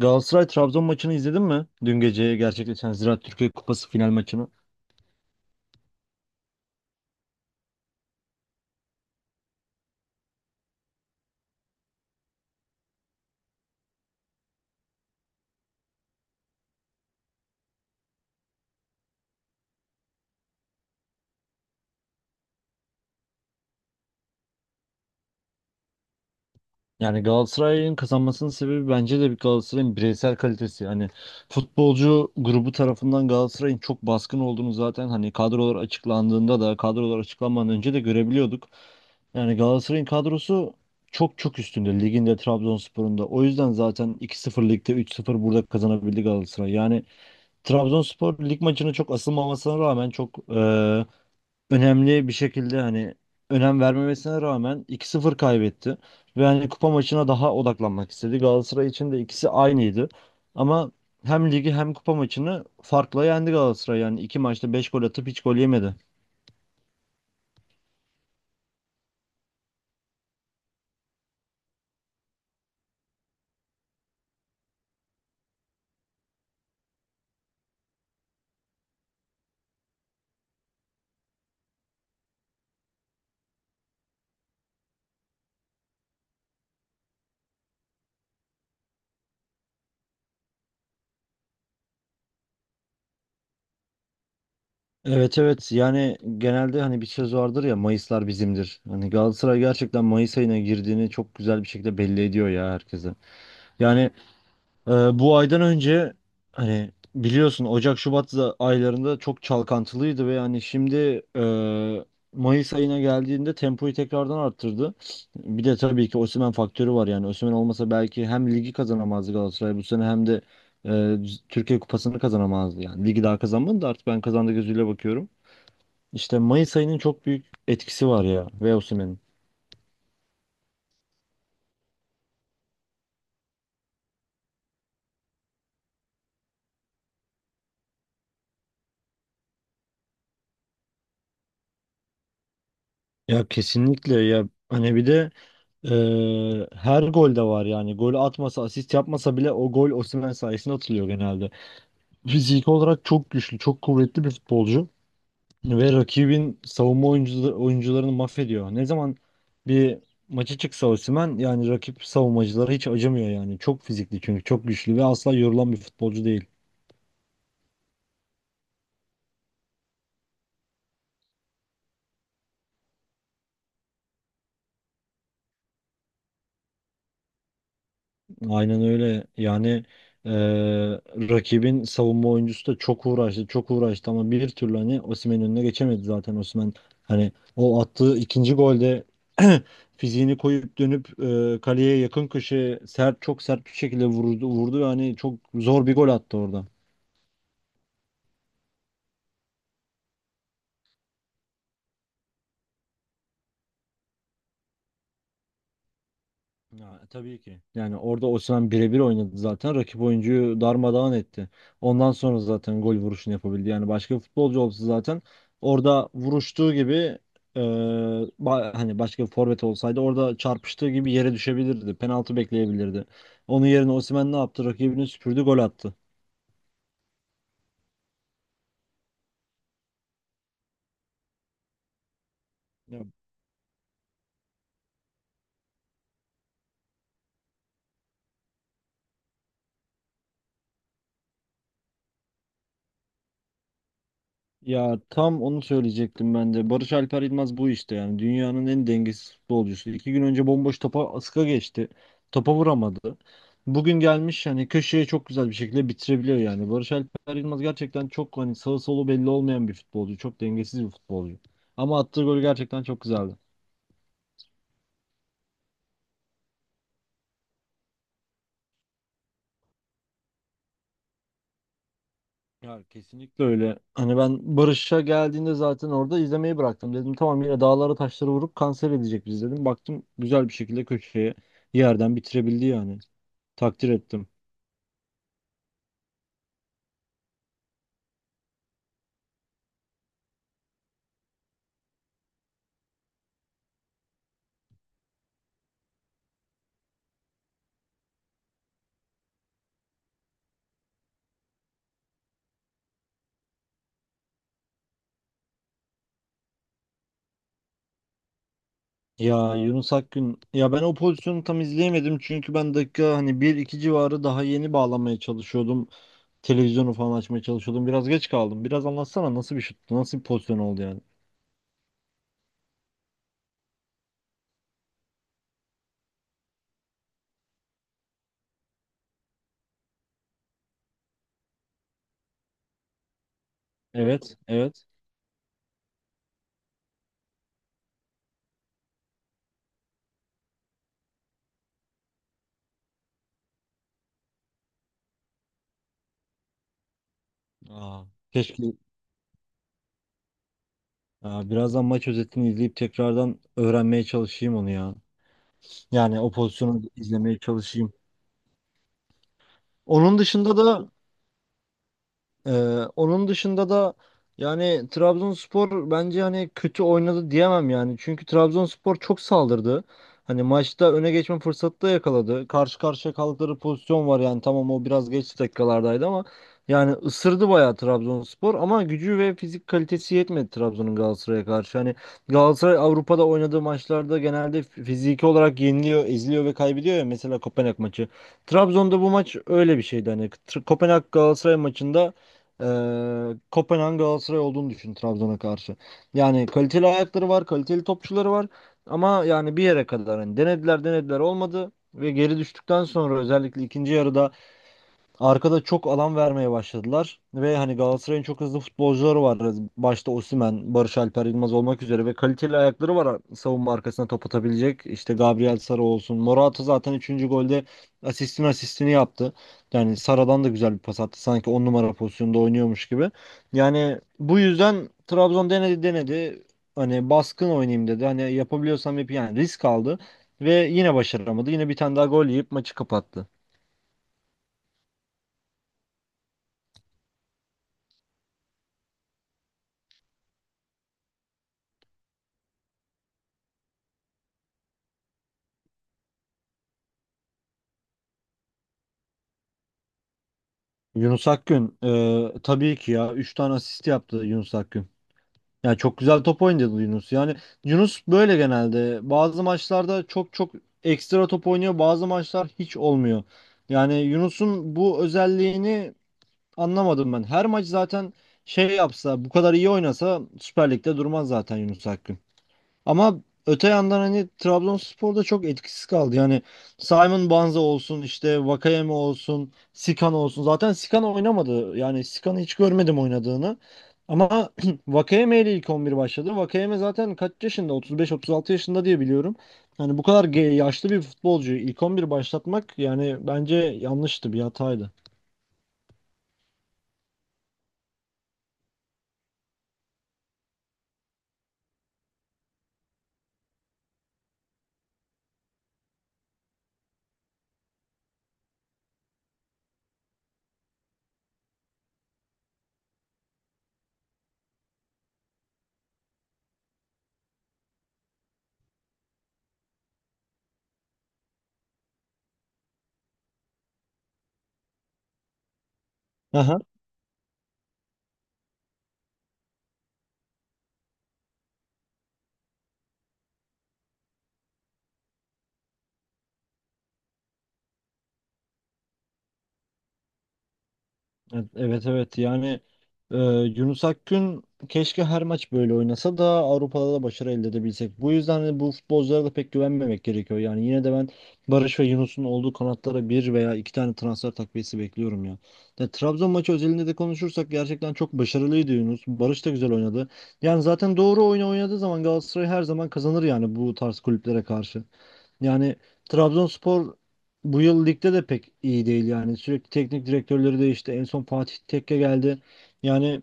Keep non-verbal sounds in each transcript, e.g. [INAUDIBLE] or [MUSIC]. Galatasaray Trabzon maçını izledin mi? Dün gece gerçekleşen Ziraat Türkiye Kupası final maçını. Yani Galatasaray'ın kazanmasının sebebi bence de bir Galatasaray'ın bireysel kalitesi. Hani futbolcu grubu tarafından Galatasaray'ın çok baskın olduğunu zaten hani kadrolar açıklandığında da kadrolar açıklanmadan önce de görebiliyorduk. Yani Galatasaray'ın kadrosu çok çok üstünde liginde Trabzonspor'un da. O yüzden zaten iki 0 ligde 3-0 burada kazanabildi Galatasaray. Yani Trabzonspor lig maçına çok asılmamasına rağmen çok önemli bir şekilde hani önem vermemesine rağmen 2-0 kaybetti. Ve hani kupa maçına daha odaklanmak istedi. Galatasaray için de ikisi aynıydı. Ama hem ligi hem kupa maçını farkla yendi Galatasaray. Yani iki maçta 5 gol atıp hiç gol yemedi. Evet, evet, yani genelde hani bir söz vardır ya, Mayıslar bizimdir. Hani Galatasaray gerçekten Mayıs ayına girdiğini çok güzel bir şekilde belli ediyor ya herkese. Yani Ee, bu aydan önce hani biliyorsun Ocak Şubat aylarında çok çalkantılıydı ve yani şimdi Mayıs ayına geldiğinde tempoyu tekrardan arttırdı. Bir de tabii ki Osimhen faktörü var, yani Osimhen olmasa belki hem ligi kazanamazdı Galatasaray bu sene, hem de e, Türkiye Kupası'nı kazanamazdı yani. Ligi daha kazanmadı da artık ben kazandı gözüyle bakıyorum. İşte Mayıs ayının çok büyük etkisi var ya, ve Osimhen'in. Ya kesinlikle ya, hani bir de Ee, her golde var yani. Gol atmasa, asist yapmasa bile o gol Osimhen sayesinde atılıyor genelde. Fizik olarak çok güçlü, çok kuvvetli bir futbolcu ve rakibin savunma oyuncularını mahvediyor. Ne zaman bir maça çıksa Osimhen, yani rakip savunmacılara hiç acımıyor yani. Çok fizikli, çünkü çok güçlü ve asla yorulan bir futbolcu değil. Aynen öyle. Eee, rakibin savunma oyuncusu da çok uğraştı, çok uğraştı ama bir türlü hani Osimhen'in önüne geçemedi zaten Osimhen. Hani o attığı ikinci golde [CLEARS THROAT] fiziğini koyup dönüp kaleye yakın köşeye sert, çok sert bir şekilde vurdu, vurdu ve hani çok zor bir gol attı orada. Ya, tabii ki. Yani orada Osimhen birebir oynadı zaten. Rakip oyuncuyu darmadağın etti. Ondan sonra zaten gol vuruşunu yapabildi. Yani başka bir futbolcu olsa zaten orada vuruştuğu gibi, e, hani başka bir forvet olsaydı orada çarpıştığı gibi yere düşebilirdi. Penaltı bekleyebilirdi. Onun yerine Osimhen ne yaptı? Rakibini süpürdü, gol attı. Ya tam onu söyleyecektim ben de. Barış Alper Yılmaz bu işte yani. Dünyanın en dengesiz futbolcusu. İki gün önce bomboş topa ıska geçti. Topa vuramadı. Bugün gelmiş, hani köşeye çok güzel bir şekilde bitirebiliyor yani. Barış Alper Yılmaz gerçekten çok hani sağı solu belli olmayan bir futbolcu. Çok dengesiz bir futbolcu. Ama attığı gol gerçekten çok güzeldi. Ya kesinlikle öyle. Hani ben Barış'a geldiğinde zaten orada izlemeyi bıraktım. Dedim, tamam, yine dağlara taşlara vurup kanser edecek biz, dedim. Baktım, güzel bir şekilde köşeye yerden bitirebildi yani. Takdir ettim. Ya Yunus Akgün, ya ben o pozisyonu tam izleyemedim çünkü ben dakika hani bir iki civarı daha yeni bağlamaya çalışıyordum. Televizyonu falan açmaya çalışıyordum. Biraz geç kaldım. Biraz anlatsana, nasıl bir şuttu? Nasıl bir pozisyon oldu yani? Evet, evet. Aa, keşke, birazdan maç özetini izleyip tekrardan öğrenmeye çalışayım onu ya. Yani o pozisyonu izlemeye çalışayım. Onun dışında da Ee, onun dışında da yani Trabzonspor bence hani kötü oynadı diyemem yani. Çünkü Trabzonspor çok saldırdı. Hani maçta öne geçme fırsatı da yakaladı. Karşı karşıya kaldıkları pozisyon var yani. Tamam, o biraz geç dakikalardaydı ama yani ısırdı bayağı Trabzonspor, ama gücü ve fizik kalitesi yetmedi Trabzon'un Galatasaray'a karşı. Hani Galatasaray Avrupa'da oynadığı maçlarda genelde fiziki olarak yeniliyor, eziliyor ve kaybediyor ya. Mesela Kopenhag maçı. Trabzon'da bu maç öyle bir şeydi. Hani Kopenhag Galatasaray maçında, Kopenhag Galatasaray olduğunu düşün Trabzon'a karşı. Yani kaliteli ayakları var, kaliteli topçuları var, ama yani bir yere kadar hani denediler denediler, olmadı, ve geri düştükten sonra özellikle ikinci yarıda arkada çok alan vermeye başladılar ve hani Galatasaray'ın çok hızlı futbolcuları var. Başta Osimhen, Barış Alper Yılmaz olmak üzere, ve kaliteli ayakları var savunma arkasına top atabilecek. İşte Gabriel Sara olsun. Morata zaten üçüncü golde asistin asistini yaptı. Yani Sara'dan da güzel bir pas attı, sanki 10 numara pozisyonda oynuyormuş gibi. Yani bu yüzden Trabzon denedi denedi. Hani baskın oynayayım dedi. Hani yapabiliyorsam yapayım. Yani risk aldı ve yine başaramadı. Yine bir tane daha gol yiyip maçı kapattı. Yunus Akgün, tabii ki, ya 3 tane asist yaptı Yunus Akgün. Yani çok güzel top oynadı Yunus. Yani Yunus böyle genelde. Bazı maçlarda çok çok ekstra top oynuyor, bazı maçlar hiç olmuyor. Yani Yunus'un bu özelliğini anlamadım ben. Her maç zaten şey yapsa, bu kadar iyi oynasa, Süper Lig'de durmaz zaten Yunus Akgün. Ama öte yandan hani Trabzonspor da çok etkisiz kaldı. Yani Simon Banza olsun, işte Vakayeme olsun, Sikan olsun. Zaten Sikan oynamadı. Yani Sikan'ı hiç görmedim oynadığını. Ama [CLEARS THROAT] Vakayeme ile ilk 11 başladı. Vakayeme zaten kaç yaşında? 35-36 yaşında diye biliyorum. Yani bu kadar yaşlı bir futbolcuyu ilk 11 başlatmak, yani bence yanlıştı, bir hataydı. Evet, evet, evet. Yani e, Yunus Akgün keşke her maç böyle oynasa da Avrupa'da da başarı elde edebilsek. Bu yüzden de bu futbolculara da pek güvenmemek gerekiyor. Yani yine de ben Barış ve Yunus'un olduğu kanatlara bir veya iki tane transfer takviyesi bekliyorum ya. Trabzon maçı özelinde de konuşursak gerçekten çok başarılıydı Yunus. Barış da güzel oynadı. Yani zaten doğru oyunu oynadığı zaman Galatasaray her zaman kazanır yani, bu tarz kulüplere karşı. Yani Trabzonspor bu yıl ligde de pek iyi değil yani. Sürekli teknik direktörleri değişti. En son Fatih Tekke geldi. Yani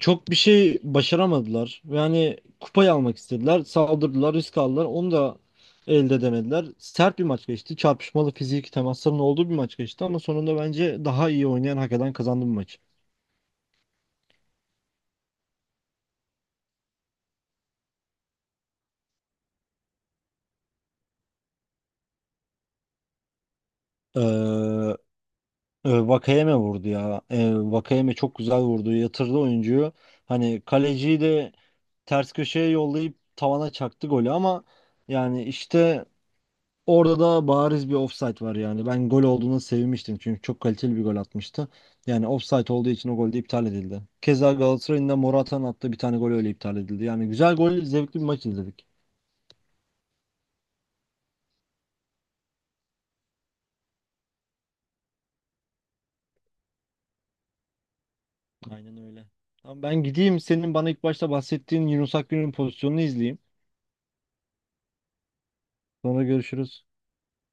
çok bir şey başaramadılar. Yani kupayı almak istediler. Saldırdılar, risk aldılar. Onu da elde edemediler. Sert bir maç geçti. Çarpışmalı, fiziki temasların olduğu bir maç geçti, ama sonunda bence daha iyi oynayan, hak eden kazandı bu maçı. Ee, Vakayeme vurdu ya. Vakayeme çok güzel vurdu. Yatırdı oyuncuyu. Hani kaleciyi de ters köşeye yollayıp tavana çaktı golü, ama yani işte orada da bariz bir offside var yani. Ben gol olduğuna sevinmiştim çünkü çok kaliteli bir gol atmıştı. Yani offside olduğu için o gol de iptal edildi. Keza Galatasaray'ın da, Morata'nın attığı bir tane gol öyle iptal edildi. Yani güzel gol, zevkli bir maç izledik. Aynen öyle. Tamam, ben gideyim, senin bana ilk başta bahsettiğin Yunus Akgün'ün pozisyonunu izleyeyim. Sonra görüşürüz.